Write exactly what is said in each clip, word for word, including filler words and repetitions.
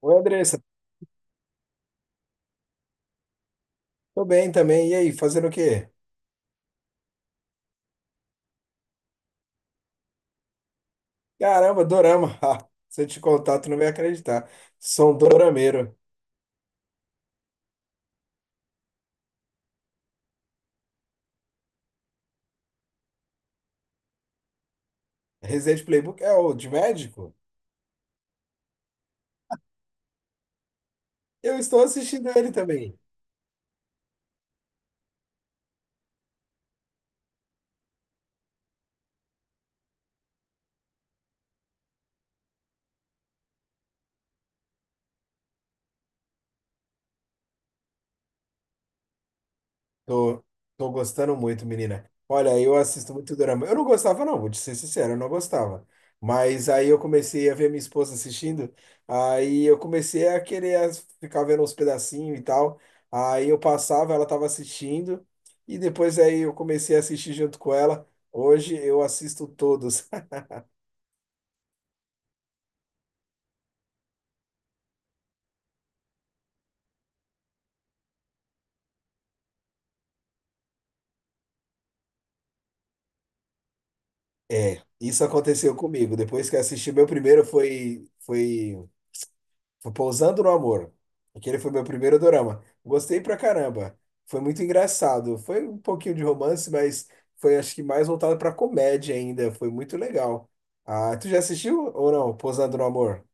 Oi, Andressa. Tô bem também. E aí, fazendo o quê? Caramba, dorama. Ah, se eu te contar, tu não vai acreditar. Sou um dorameiro. Resident Playbook é o de médico? Eu estou assistindo ele também. Tô, tô gostando muito, menina. Olha, eu assisto muito drama. Eu não gostava, não, vou te ser sincero, eu não gostava. Mas aí eu comecei a ver minha esposa assistindo, aí eu comecei a querer as- ficar vendo uns pedacinhos e tal. Aí eu passava, ela tava assistindo, e depois aí eu comecei a assistir junto com ela. Hoje eu assisto todos. É, isso aconteceu comigo. Depois que eu assisti, meu primeiro foi, foi Foi Pousando no Amor. Aquele foi meu primeiro dorama. Gostei pra caramba. Foi muito engraçado. Foi um pouquinho de romance, mas foi acho que mais voltado pra comédia ainda. Foi muito legal. Ah, tu já assistiu ou não? Pousando no Amor?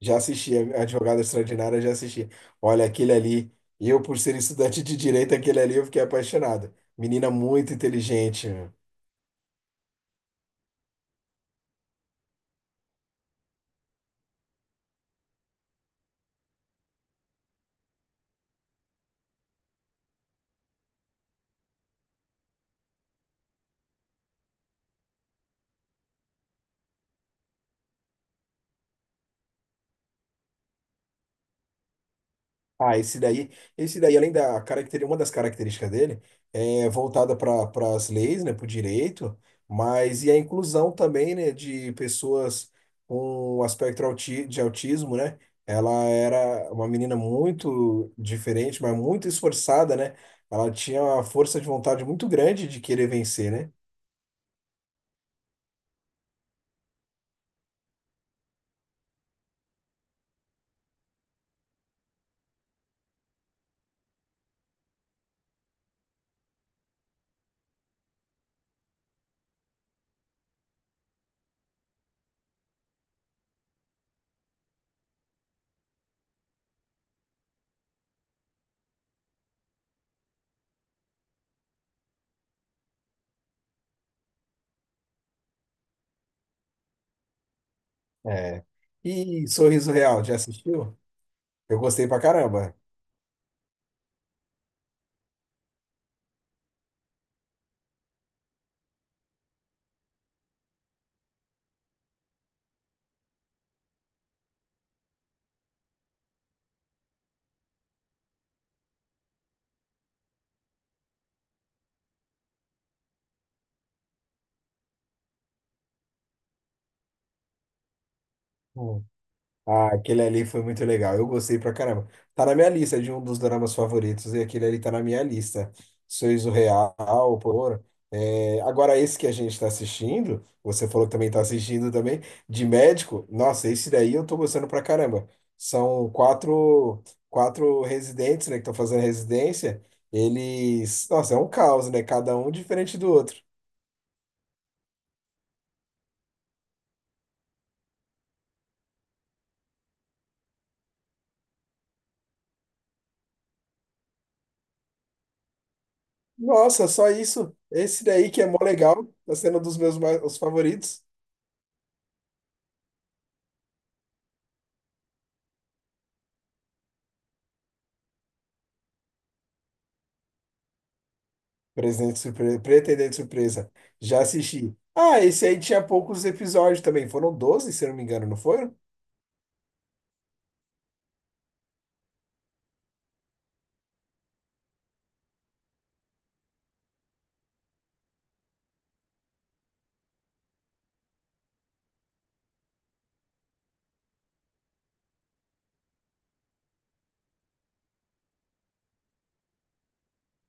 Já assisti. A Advogada Extraordinária, já assisti. Olha, aquele ali. Eu, por ser estudante de direito, aquele ali eu fiquei apaixonado. Menina muito inteligente. Ah, esse daí, esse daí, além da característica, uma das características dele é voltada para as leis, né, para o direito, mas e a inclusão também, né, de pessoas com um aspecto auti- de autismo, né? Ela era uma menina muito diferente, mas muito esforçada, né? Ela tinha uma força de vontade muito grande de querer vencer, né? É. E Sorriso Real, já assistiu? Eu gostei pra caramba. Ah, aquele ali foi muito legal. Eu gostei pra caramba. Tá na minha lista de um dos dramas favoritos e aquele ali tá na minha lista. Sorriso Real, por. É, agora, esse que a gente tá assistindo, você falou que também tá assistindo também, de médico. Nossa, esse daí eu tô gostando pra caramba. São quatro, quatro residentes, né, que estão fazendo residência. Eles. Nossa, é um caos, né? Cada um diferente do outro. Nossa, só isso. Esse daí que é mó legal, tá sendo um dos meus mais, os favoritos. Presidente Surpresa, Pretendente Surpresa. Já assisti. Ah, esse aí tinha poucos episódios também. Foram doze, se eu não me engano, não foram?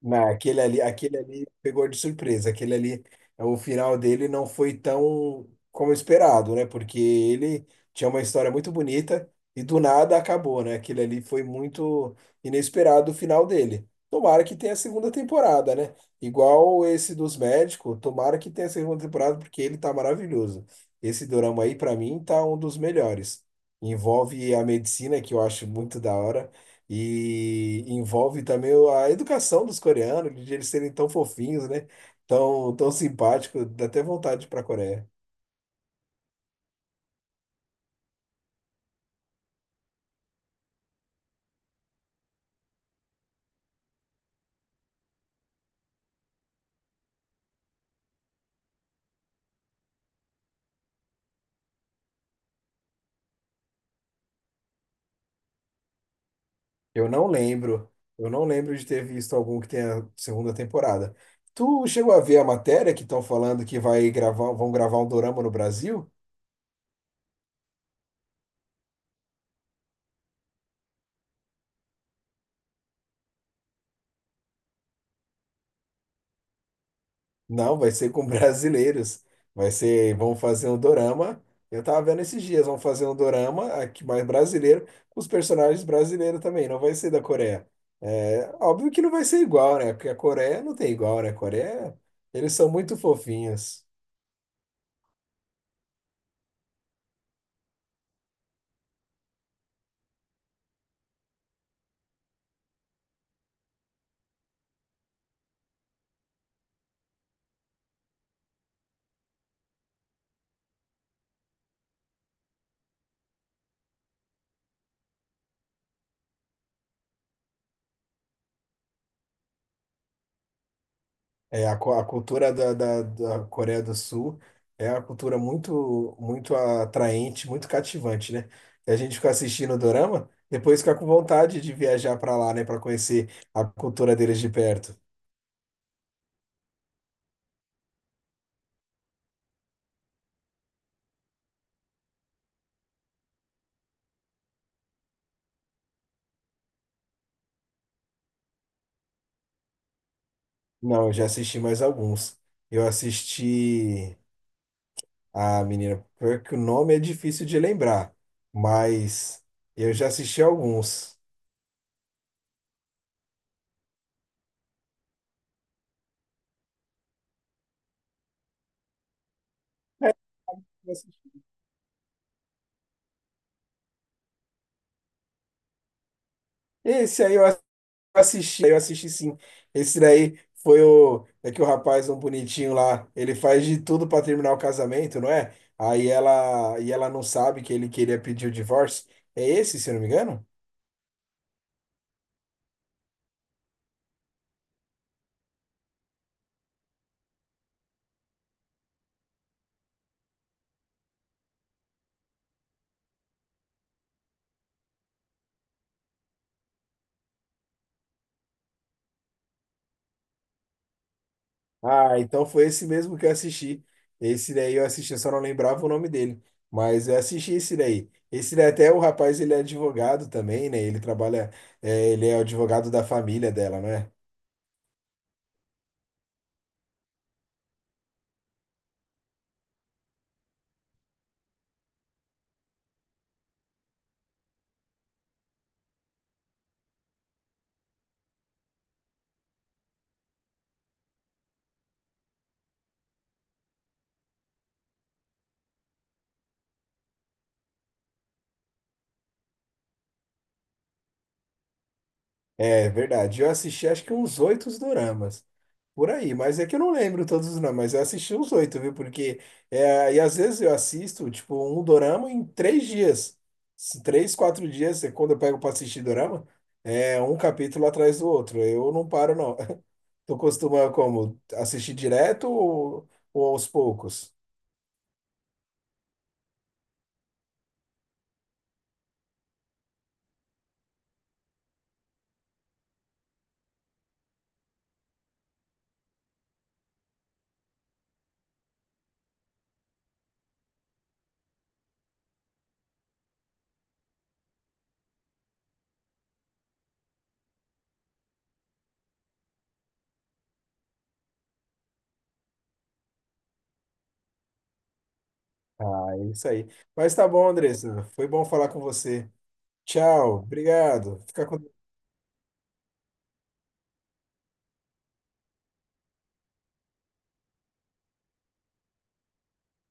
Não, aquele ali, aquele ali pegou de surpresa. Aquele ali, é, o final dele não foi tão como esperado, né? Porque ele tinha uma história muito bonita e do nada acabou, né? Aquele ali foi muito inesperado o final dele. Tomara que tenha a segunda temporada, né? Igual esse dos médicos, tomara que tenha a segunda temporada porque ele tá maravilhoso. Esse dorama aí, pra mim, tá um dos melhores. Envolve a medicina, que eu acho muito da hora. E envolve também a educação dos coreanos, de eles serem tão fofinhos, né? Tão, tão simpáticos, dá até vontade para a Coreia. Eu não lembro, eu não lembro de ter visto algum que tenha segunda temporada. Tu chegou a ver a matéria que estão falando que vai gravar, vão gravar um dorama no Brasil? Não, vai ser com brasileiros. Vai ser, vão fazer um dorama. Eu tava vendo esses dias, vão fazer um dorama aqui mais brasileiro, com os personagens brasileiros também, não vai ser da Coreia. É, óbvio que não vai ser igual, né? Porque a Coreia não tem igual, né? A Coreia, eles são muito fofinhos. É, a, cu- a cultura da, da, da Coreia do Sul é uma cultura muito, muito atraente, muito cativante, né? E a gente fica assistindo o dorama, depois fica com vontade de viajar para lá, né, para conhecer a cultura deles de perto. Não, eu já assisti mais alguns. Eu assisti. Ah, menina, pior que o nome é difícil de lembrar, mas eu já assisti alguns. Esse aí eu assisti, eu assisti sim. Esse daí foi o. É que o rapaz, um bonitinho lá, ele faz de tudo pra terminar o casamento, não é? Aí ela, e ela não sabe que ele queria pedir o divórcio. É esse, se eu não me engano? Ah, então foi esse mesmo que eu assisti. Esse daí eu assisti, eu só não lembrava o nome dele. Mas eu assisti esse daí. Esse daí até o rapaz, ele é advogado também, né? Ele trabalha, é, ele é o advogado da família dela, não é? É verdade. Eu assisti acho que uns oito doramas. Por aí, mas é que eu não lembro todos os nomes, mas eu assisti uns oito, viu? Porque, é, e às vezes eu assisto, tipo, um dorama em três dias. Se- Três, quatro dias, é quando eu pego pra assistir dorama, é um capítulo atrás do outro. Eu não paro, não. Tu costuma, como, assistir direto ou, ou aos poucos? Ah, é isso aí. Mas tá bom, Andressa. Foi bom falar com você. Tchau, obrigado. Fica com